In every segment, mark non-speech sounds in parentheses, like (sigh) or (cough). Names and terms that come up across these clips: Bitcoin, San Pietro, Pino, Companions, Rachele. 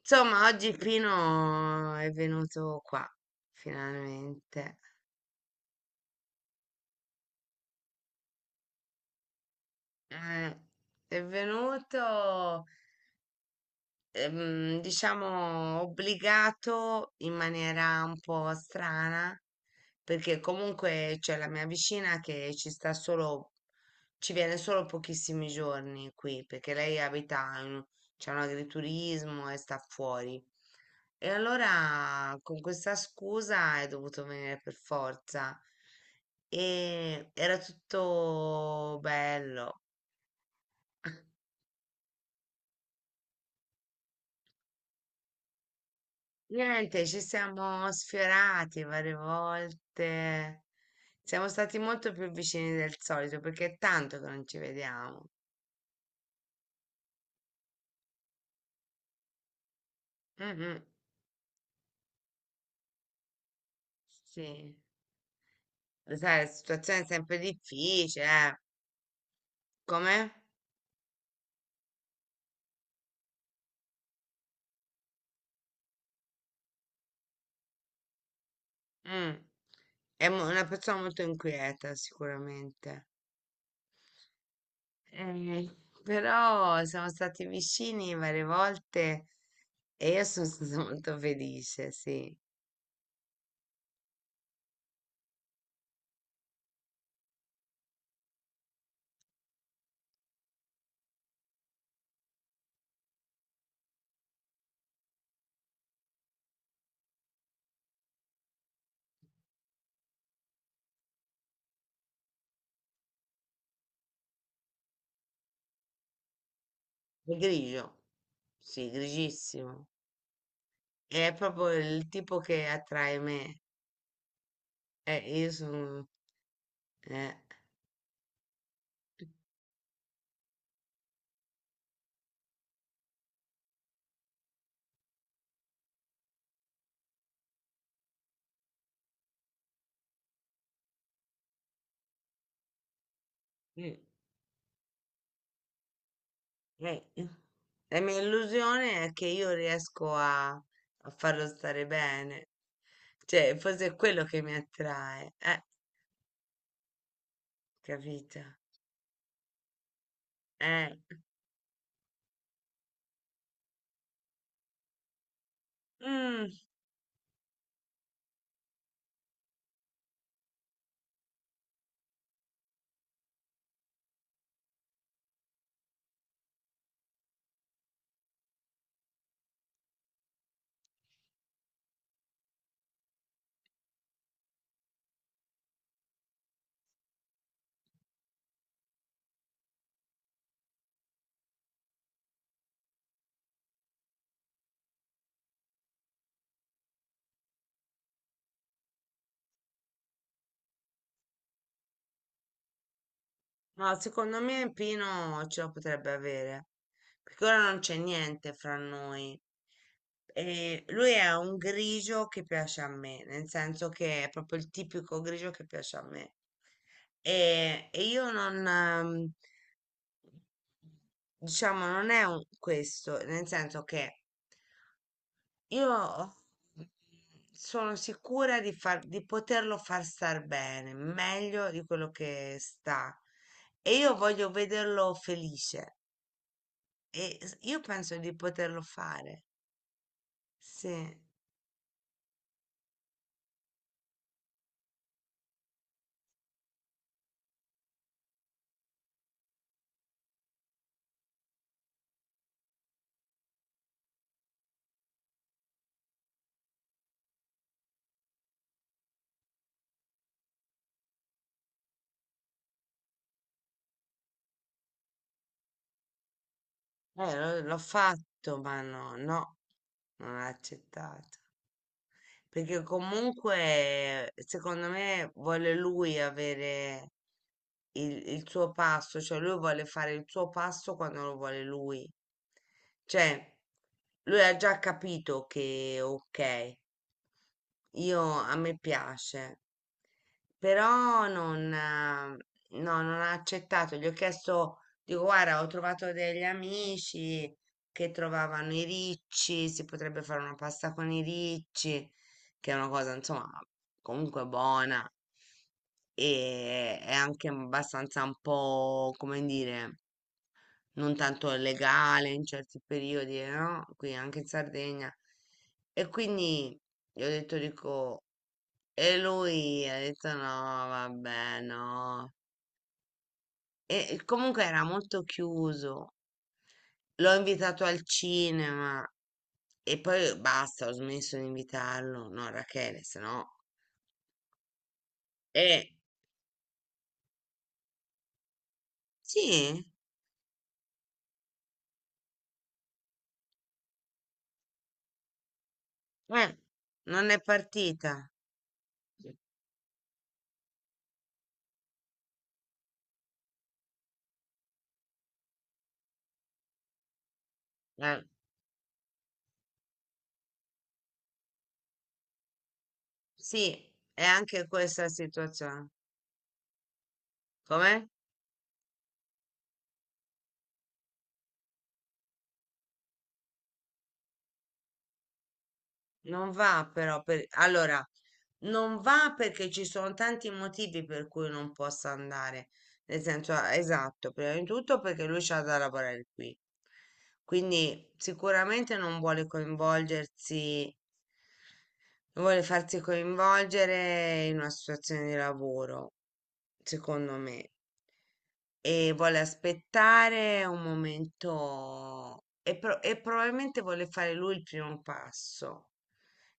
Insomma, oggi Pino è venuto qua, finalmente. Eh, è venuto, diciamo, obbligato in maniera un po' strana, perché comunque c'è la mia vicina che ci sta solo, ci viene solo pochissimi giorni qui, perché lei abita in, c'è un agriturismo e sta fuori. E allora con questa scusa è dovuto venire per forza. E era tutto bello. Niente, ci siamo sfiorati varie volte. Siamo stati molto più vicini del solito perché è tanto che non ci vediamo. Mhm. Sì, lo sai, la situazione è sempre difficile, eh. Come? Mm. Una persona molto inquieta, sicuramente. Eh, però siamo stati vicini varie volte e io sono stata (laughs) molto felice, sì. E grigio, sì, grigissimo. È proprio il tipo che attrae me. Io sono... eh, mm, eh. La mia illusione è che io riesco a farlo stare bene. Cioè, forse è quello che mi attrae. Capito? Eh. Mm. No, secondo me Pino ce la potrebbe avere, perché ora non c'è niente fra noi. E lui è un grigio che piace a me, nel senso che è proprio il tipico grigio che piace a me. E io non, diciamo, non è un- questo, nel senso che io sono sicura di, di poterlo far star bene, meglio di quello che sta. E io voglio vederlo felice. Io penso di poterlo fare. Sì. L'ho fatto, ma no, no, non l'ho accettato. Perché comunque, secondo me, vuole lui avere il suo passo, cioè lui vuole fare il suo passo quando lo vuole lui. Cioè, lui ha già capito che, ok, io a me piace, però non, no, non ha accettato. Gli ho chiesto, dico, guarda, ho trovato degli amici che trovavano i ricci, si potrebbe fare una pasta con i ricci, che è una cosa, insomma, comunque buona e è anche abbastanza un po', come dire, non tanto legale in certi periodi, no? Qui anche in Sardegna. E quindi gli ho detto, dico, e lui ha detto no, vabbè, no. E comunque era molto chiuso. L'ho invitato al cinema e poi basta, ho smesso di invitarlo. No, Rachele, se no. Eh, sì, eh, non è partita. Eh, sì, è anche questa situazione. Com'è? Non va però per... Allora, non va perché ci sono tanti motivi per cui non possa andare. Nel senso, ah, esatto, prima di tutto perché lui c'ha da lavorare qui. Quindi sicuramente non vuole coinvolgersi, non vuole farsi coinvolgere in una situazione di lavoro, secondo me, e vuole aspettare un momento e, e probabilmente vuole fare lui il primo passo.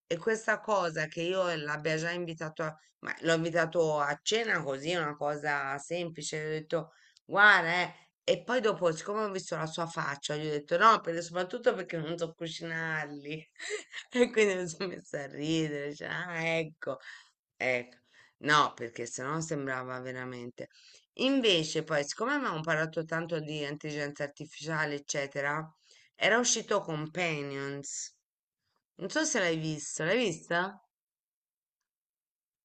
E questa cosa che io l'abbia già ma l'ho invitato a cena così, una cosa semplice, gli ho detto, guarda, e poi dopo, siccome ho visto la sua faccia, gli ho detto no, soprattutto perché non so cucinarli. (laughs) E quindi mi sono messa a ridere, cioè, ah, ecco, ecco. No, perché sennò sembrava veramente. Invece poi, siccome avevamo parlato tanto di intelligenza artificiale, eccetera, era uscito Companions. Non so se l'hai visto, l'hai vista?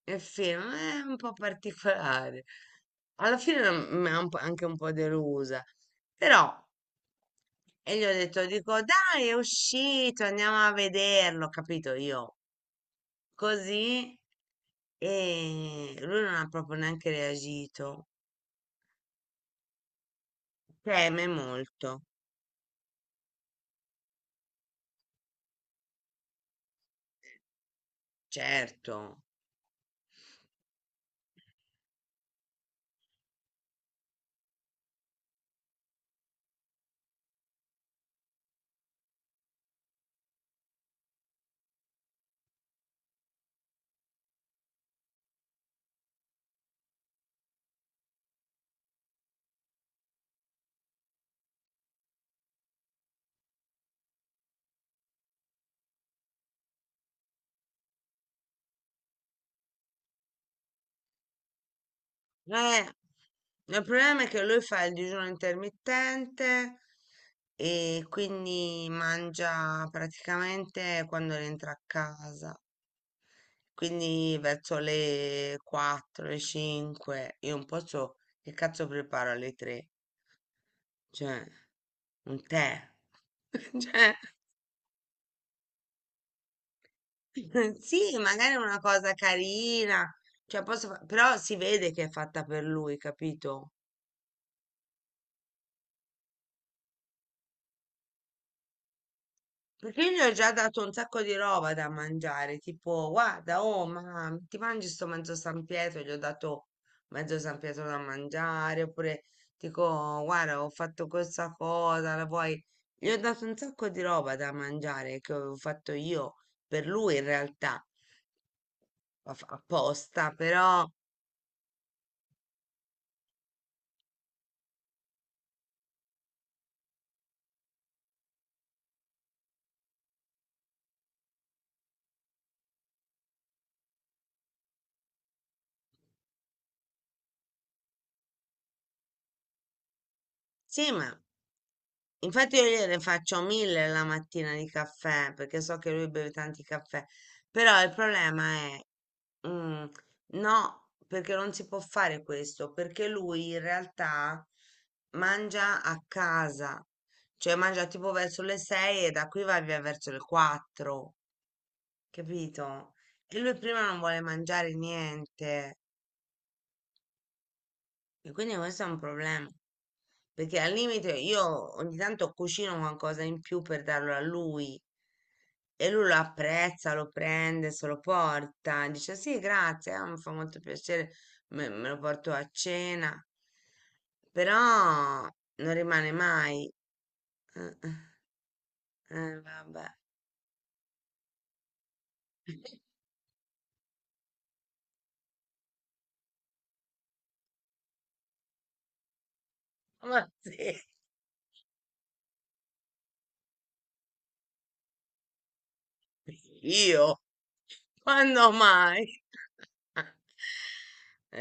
Il film è un po' particolare. Alla fine mi ha un po' anche un po' delusa, però. E gli ho detto, dico, dai, è uscito, andiamo a vederlo, capito io? Così. E lui non ha proprio neanche reagito. Teme molto, certo. Eh, il problema è che lui fa il digiuno intermittente e quindi mangia praticamente quando rientra a casa. Quindi verso le 4, le 5, io non posso, che cazzo preparo alle 3? Cioè, un tè. (laughs) Cioè, (laughs) sì, magari è una cosa carina, cioè però si vede che è fatta per lui, capito? Perché io gli ho già dato un sacco di roba da mangiare, tipo, guarda, oh, ma ti mangi sto mezzo San Pietro? Gli ho dato mezzo San Pietro da mangiare, oppure dico, guarda, ho fatto questa cosa, la vuoi? Gli ho dato un sacco di roba da mangiare che avevo fatto io per lui in realtà, apposta, però. Sì, ma infatti io gliene faccio mille la mattina di caffè, perché so che lui beve tanti caffè, però il problema è, mm, no, perché non si può fare questo, perché lui in realtà mangia a casa, cioè mangia tipo verso le 6 e da qui va via verso le 4, capito? E lui prima non vuole mangiare niente. E quindi questo è un problema, perché al limite io ogni tanto cucino qualcosa in più per darlo a lui e lui lo apprezza, lo prende, se lo porta, dice sì, grazie, mi fa molto piacere, me lo porto a cena, però non rimane mai. Eh, vabbè. (laughs) Ma sì, io, quando mai? (laughs)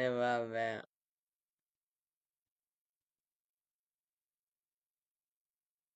E vabbè.